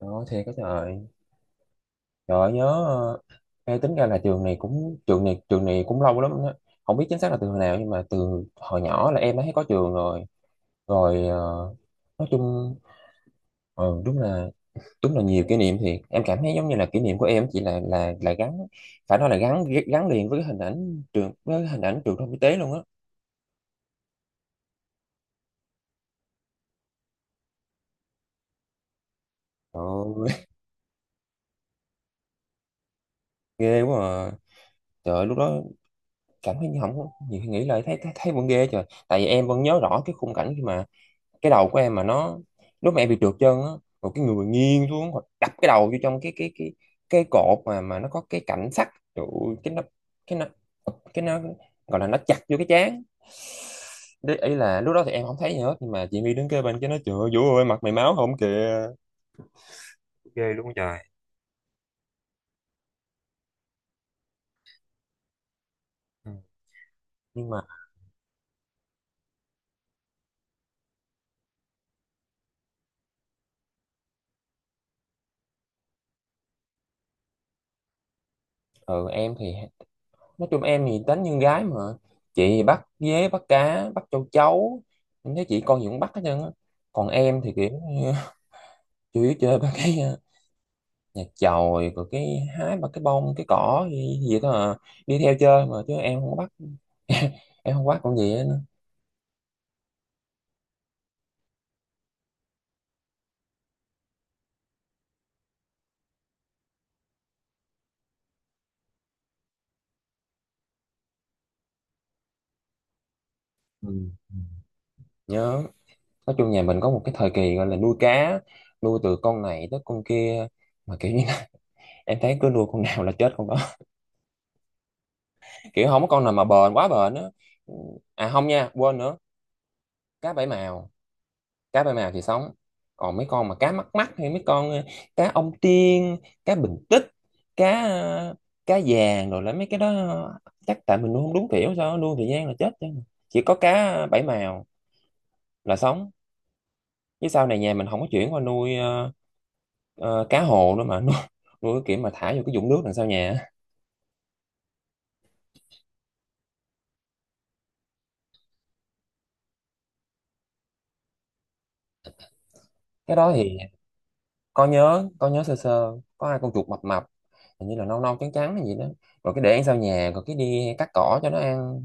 Đó, thiệt cái trời trời ơi, nhớ nghe tính ra là trường này trường này cũng lâu lắm á, không biết chính xác là từ hồi nào, nhưng mà từ hồi nhỏ là em đã thấy có trường rồi. rồi ờ, nói chung, ờ, đúng là đúng là nhiều kỷ niệm thiệt. Em cảm thấy giống như là kỷ niệm của em chỉ là gắn, phải nói là gắn gắn liền với cái hình ảnh trường, với cái hình ảnh trường thông y tế luôn á. Trời ơi, ghê quá à. Trời ơi, lúc đó cảm thấy như không có, nhiều khi nghĩ lại thấy thấy, thấy vẫn ghê trời, tại vì em vẫn nhớ rõ cái khung cảnh khi mà cái đầu của em mà nó, lúc mà em bị trượt chân á, rồi cái người nghiêng xuống hoặc đập cái đầu vô trong cái cột mà nó có cái cảnh sắt. Trời ơi, cái nó cái nó gọi là nó chặt vô cái trán. Đấy, ý là lúc đó thì em không thấy gì hết, nhưng mà chị My đứng kế bên cái nó chửi: "Vũ ơi, mặt mày máu không kìa!" Ghê luôn trời. Ừ. Nhưng mà ừ, em thì nói chung em thì tính như con gái mà. Chị thì bắt dế, bắt cá, bắt châu chấu, em thấy chị con gì cũng bắt hết trơn á. Còn em thì kiểu như chủ yếu chơi ba cái nhà chòi, rồi cái hái mà cái bông cái cỏ gì đó à. Đi theo chơi mà chứ em không có bắt. Em không bắt con gì hết nữa. Ừ. Nhớ, nói chung nhà mình có một cái thời kỳ gọi là nuôi cá, nuôi từ con này tới con kia, mà kiểu như em thấy cứ nuôi con nào là chết con đó. Kiểu không có con nào mà bền á. Ừ, à không nha, quên nữa, cá bảy màu, cá ba mào thì sống, còn mấy con mà cá mắc mắc hay mấy con cá ông tiên, cá bình tích, cá cá vàng rồi là mấy cái đó, chắc tại mình nuôi không đúng kiểu, sao nuôi thời gian là chết chứ. Chỉ có cá bảy mào là sống. Chứ sau này nhà mình không có chuyển qua nuôi cá hồ nữa, mà nuôi cái kiểu mà thả vô cái vũng nước đằng sau nhà á. Cái đó thì con nhớ, con nhớ sơ sơ có hai con chuột mập mập, hình như là nâu nâu trắng trắng hay gì đó, rồi cái để ăn sau nhà, rồi cái đi cắt cỏ cho nó ăn.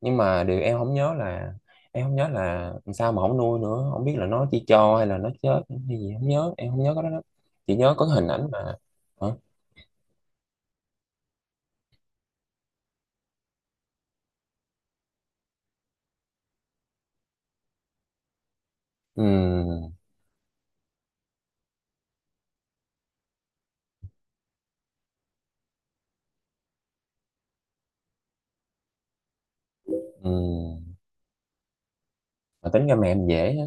Nhưng mà điều em không nhớ là em không nhớ là sao mà không nuôi nữa, không biết là nó chỉ cho hay là nó chết hay gì, không nhớ, em không nhớ cái đó lắm. Chỉ nhớ có cái hình ảnh mà. Hả? Ừm. Ừm, mà tính ra mẹ em dễ á.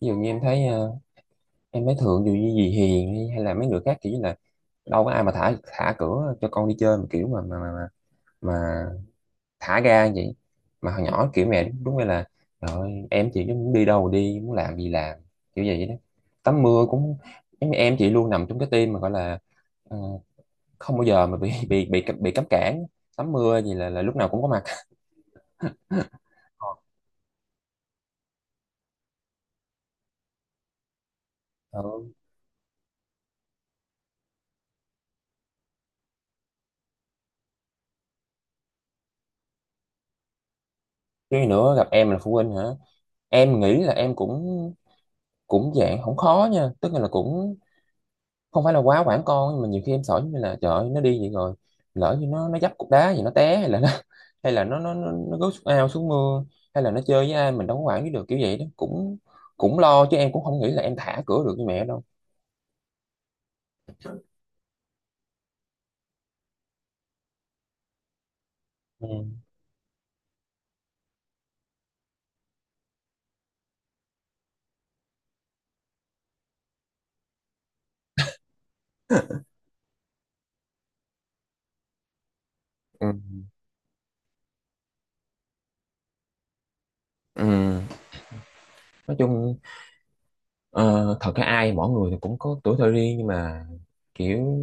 Ví dụ như em thấy em thấy thường dù như dì Hiền hay là mấy người khác, kiểu như là đâu có ai mà thả thả cửa cho con đi chơi mà kiểu mà thả ga vậy. Mà hồi nhỏ kiểu mẹ đúng nghĩa là rồi em chị muốn đi đâu đi, muốn làm gì làm, kiểu vậy đó. Tắm mưa cũng giống như em chị luôn nằm trong cái team mà gọi là ờ, không bao giờ mà bị cấm cản. Tắm mưa gì là lúc nào cũng có mặt. Ừ. Cái nữa gặp em là phụ huynh hả, em nghĩ là em cũng cũng dạng không khó nha, tức là cũng không phải là quá quản con, nhưng mà nhiều khi em sợ giống như là trời ơi, nó đi vậy rồi lỡ như nó dấp cục đá gì nó té hay là nó hay là nó rớt xuống ao xuống mưa, hay là nó chơi với ai mình đâu có quản lý được, kiểu vậy đó. Cũng cũng lo chứ, em cũng không nghĩ là em thả cửa được như mẹ đâu. Ừ. Ừ. Ừ. Nói chung, Ờ, thật ra ai mỗi người thì cũng có tuổi thơ riêng, nhưng mà kiểu,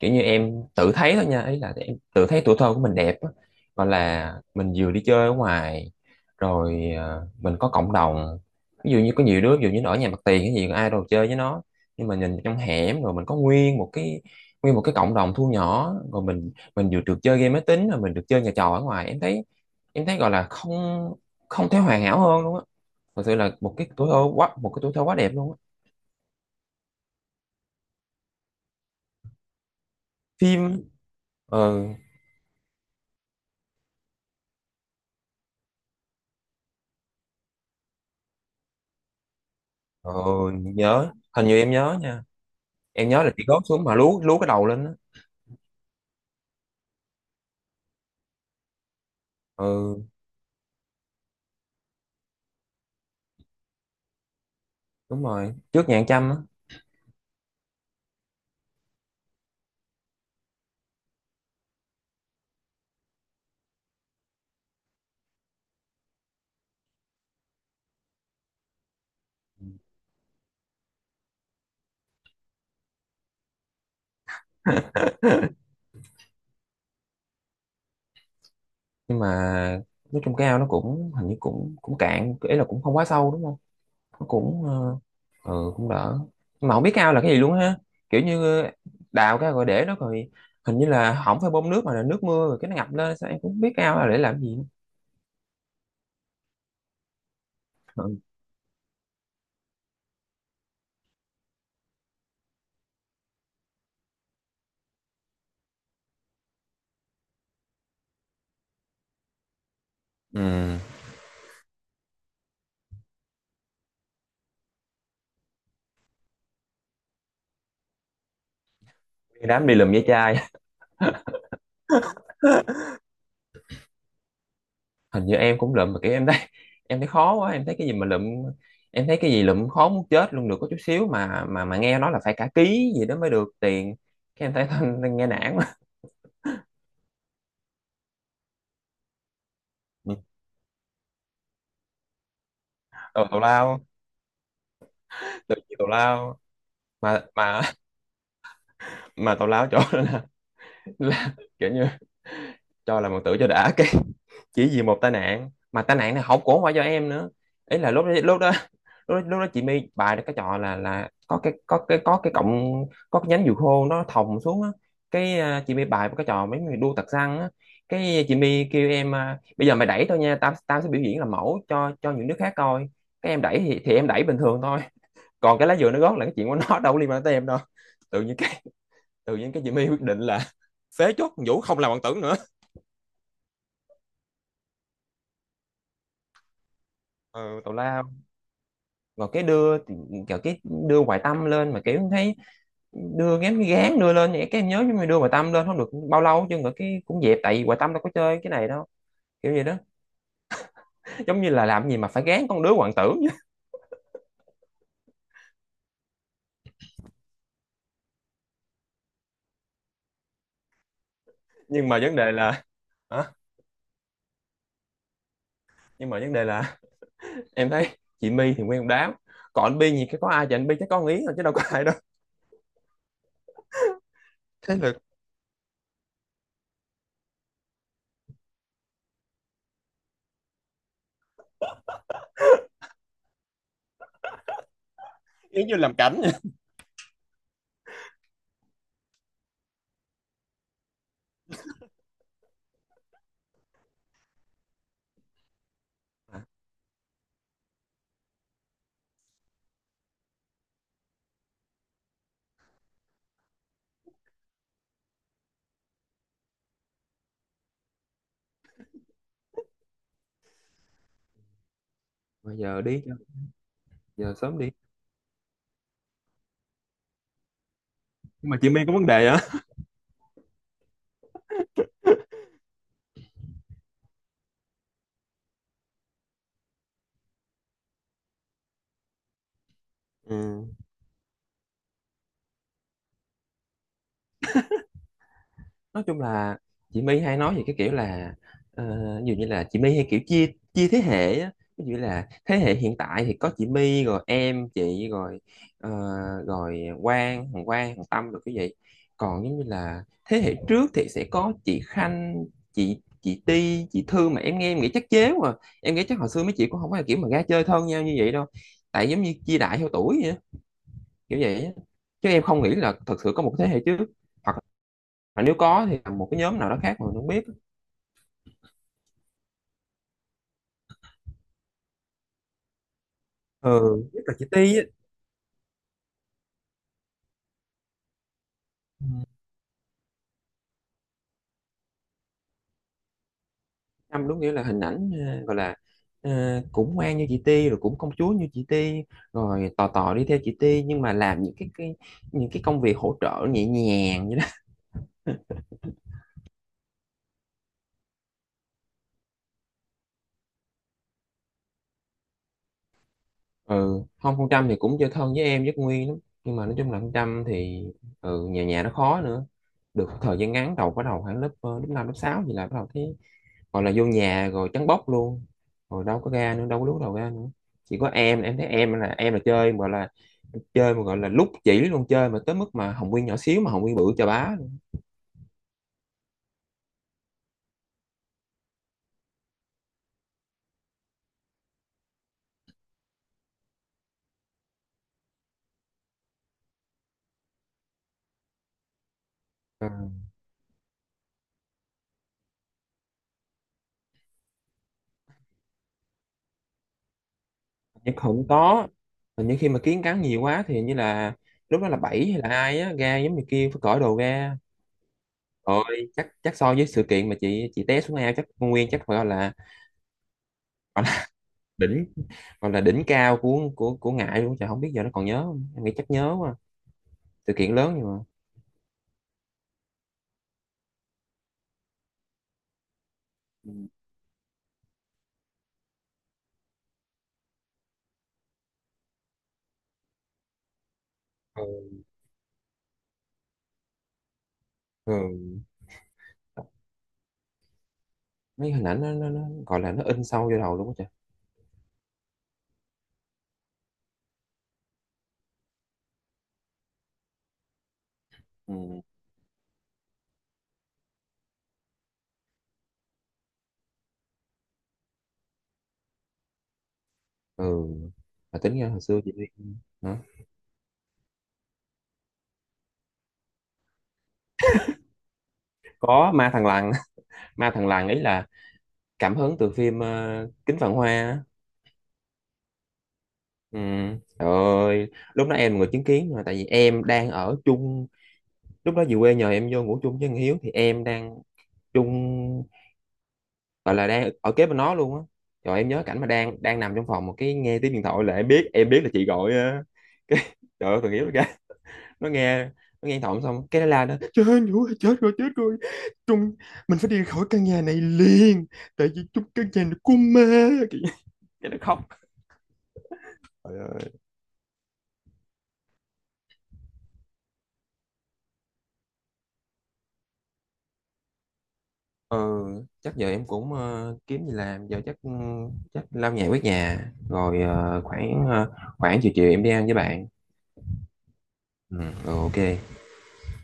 kiểu như em tự thấy thôi nha, ý là em tự thấy tuổi thơ của mình đẹp á. Gọi là mình vừa đi chơi ở ngoài, rồi mình có cộng đồng, ví dụ như có nhiều đứa, ví dụ như nó ở nhà mặt tiền cái gì ai đâu chơi với nó, nhưng mà nhìn trong hẻm rồi mình có nguyên một cái, nguyên một cái cộng đồng thu nhỏ, rồi mình vừa được chơi game máy tính, rồi mình được chơi nhà trò ở ngoài. Em thấy, em thấy gọi là không, không thể hoàn hảo hơn luôn á. Thật sự là một cái tuổi thơ quá đẹp luôn á. Phim. ờ ờ Nhớ, hình như em nhớ nha. Em nhớ là chị gót xuống mà lú lú cái đầu lên á. Ừ, đúng rồi, trước nhà ăn chăm á. Nhưng mà nói chung cái ao nó cũng hình như cũng cũng cạn, ý là cũng không quá sâu, đúng không? Nó cũng ừ, cũng đỡ. Nhưng mà không biết cái ao là cái gì luôn ha, kiểu như đào cái rồi để nó rồi, hình như là không phải bơm nước mà là nước mưa rồi cái nó ngập lên sao, em cũng không biết cái ao là để làm gì nữa. Ừ. Ừ. Đi đám đi lụm ve chai. Hình như em cũng lụm mà kiểu em thấy, em thấy khó quá, em thấy cái gì mà lụm, em thấy cái gì lụm khó muốn chết luôn, được có chút xíu mà nghe nói là phải cả ký gì đó mới được tiền. Cái em thấy nghe nản quá. Tào tào lao. Tự nhiên tào lao. Mà mà mà tào lao chỗ đó là kiểu như cho là một tử cho đã, cái chỉ vì một tai nạn mà tai nạn này không cũng không phải do em nữa. Ý là lúc đó chị My bài cái trò là có cái cọng, có cái nhánh dừa khô nó thòng xuống á, cái à, chị My bài một cái trò mấy người đua tạc xăng á. Cái chị My kêu em: "À, bây giờ mày đẩy tao nha, tao tao sẽ biểu diễn làm mẫu cho những đứa khác coi." Cái em đẩy thì em đẩy bình thường thôi, còn cái lá dừa nó gót là cái chuyện của nó, đâu có liên quan tới em đâu. tự nhiên cái Tự nhiên cái Jimmy quyết định là phế chốt Vũ không làm bạn tưởng nữa. Ừ, tào lao. Rồi cái đưa thì kiểu cái đưa Hoài Tâm lên, mà kiểu thấy đưa ngém cái gán đưa lên vậy cái em nhớ, nhưng mà đưa Hoài Tâm lên không được bao lâu chứ nữa cái cũng dẹp, tại vì Hoài Tâm đâu có chơi cái này đâu, kiểu vậy đó. Giống như là làm gì mà phải gán con đứa hoàng tử. Nhưng mà vấn đề là hả? Nhưng mà vấn đề là em thấy chị My thì nguyên một đám, còn anh Bi gì cái có ai thì anh Bi chắc có ý rồi chứ đâu có ai đâu. Thế là giống như làm cảnh vậy. Bây giờ đi, giờ sớm đi. Nhưng mà chị My có vấn đề hả? Ừ, nói chung là chị My hay nói về cái kiểu là ờ, ví dụ như là chị My hay kiểu chia, chia thế hệ á. Ví dụ như là thế hệ hiện tại thì có chị My rồi em chị rồi ờ, rồi Quang Hoàng Tâm rồi cái vậy. Còn giống như là thế hệ trước thì sẽ có chị Khanh, chị Ti, chị Thư, mà em nghe em nghĩ chắc chế mà. Em nghĩ chắc hồi xưa mấy chị cũng không phải là kiểu mà ra chơi thân nhau như vậy đâu, tại giống như chia đại theo tuổi vậy á, kiểu vậy á. Chứ em không nghĩ là thật sự có một thế hệ trước, hoặc mà nếu có thì là một cái nhóm nào đó khác mà mình không biết. Ừ, nhất là chị Ti á. Trâm đúng nghĩa là hình ảnh gọi là ờ, cũng ngoan như chị Ti, rồi cũng công chúa như chị Ti, rồi tò tò đi theo chị Ti, nhưng mà làm những cái công việc hỗ trợ nhẹ nhàng. Ừ, không, con Trâm thì cũng chơi thân với em với con Nguyên lắm, nhưng mà nói chung là con Trâm thì ừ, nhà nhà nó khó nữa. Được một thời gian ngắn đầu, bắt đầu khoảng lớp lớp 5 lớp 6 thì là bắt đầu thấy gọi là vô nhà rồi trắng bóc luôn, rồi đâu có ra nữa, đâu có lúc đầu ra nữa. Chỉ có em thấy em là chơi gọi là chơi mà gọi là lúc chỉ luôn, chơi mà tới mức mà Hồng Nguyên nhỏ xíu mà Hồng Nguyên bự chà bá luôn. À. Nhưng không có, nhưng khi mà kiến cắn nhiều quá thì hình như là lúc đó là bảy hay là ai á ra giống như kia phải cởi đồ ra. Rồi chắc chắc so với sự kiện mà chị té xuống ao chắc con Nguyên chắc phải gọi là, gọi là đỉnh, gọi là đỉnh cao của của Ngại luôn trời, không biết giờ nó còn nhớ không, em nghĩ chắc nhớ quá. Sự kiện lớn nhưng mà Ừ. Ừ. Ừ. Mấy hình ảnh nó gọi là nó in sâu vô đầu luôn á trời. Ừ. Ừ, mà tính ra hồi xưa chị đi. Hả? Có ma thằng lằn. Ma thằng lằn ấy là cảm hứng từ phim Kính Vạn Hoa á. Ừ. Trời ơi, lúc đó em là người chứng kiến, mà tại vì em đang ở chung, lúc đó về quê nhờ em vô ngủ chung với thằng Hiếu thì em đang chung, gọi là đang ở kế bên nó luôn á. Rồi em nhớ cảnh mà đang đang nằm trong phòng một cái nghe tiếng điện thoại là em biết, em biết là chị gọi á. Cái trời ơi, thằng Hiếu nó ra, nó nghe điện thoại xong cái nó la: "Nó chết rồi chết rồi, chúng mình phải đi khỏi căn nhà này liền, tại vì chúng căn nhà này của ma!" Cái nó khóc. Trời ơi. Ừ, chắc giờ em cũng kiếm gì làm giờ chắc, chắc lau nhà quét nhà, rồi khoảng chiều chiều em đi ăn với bạn. Ừ, ok.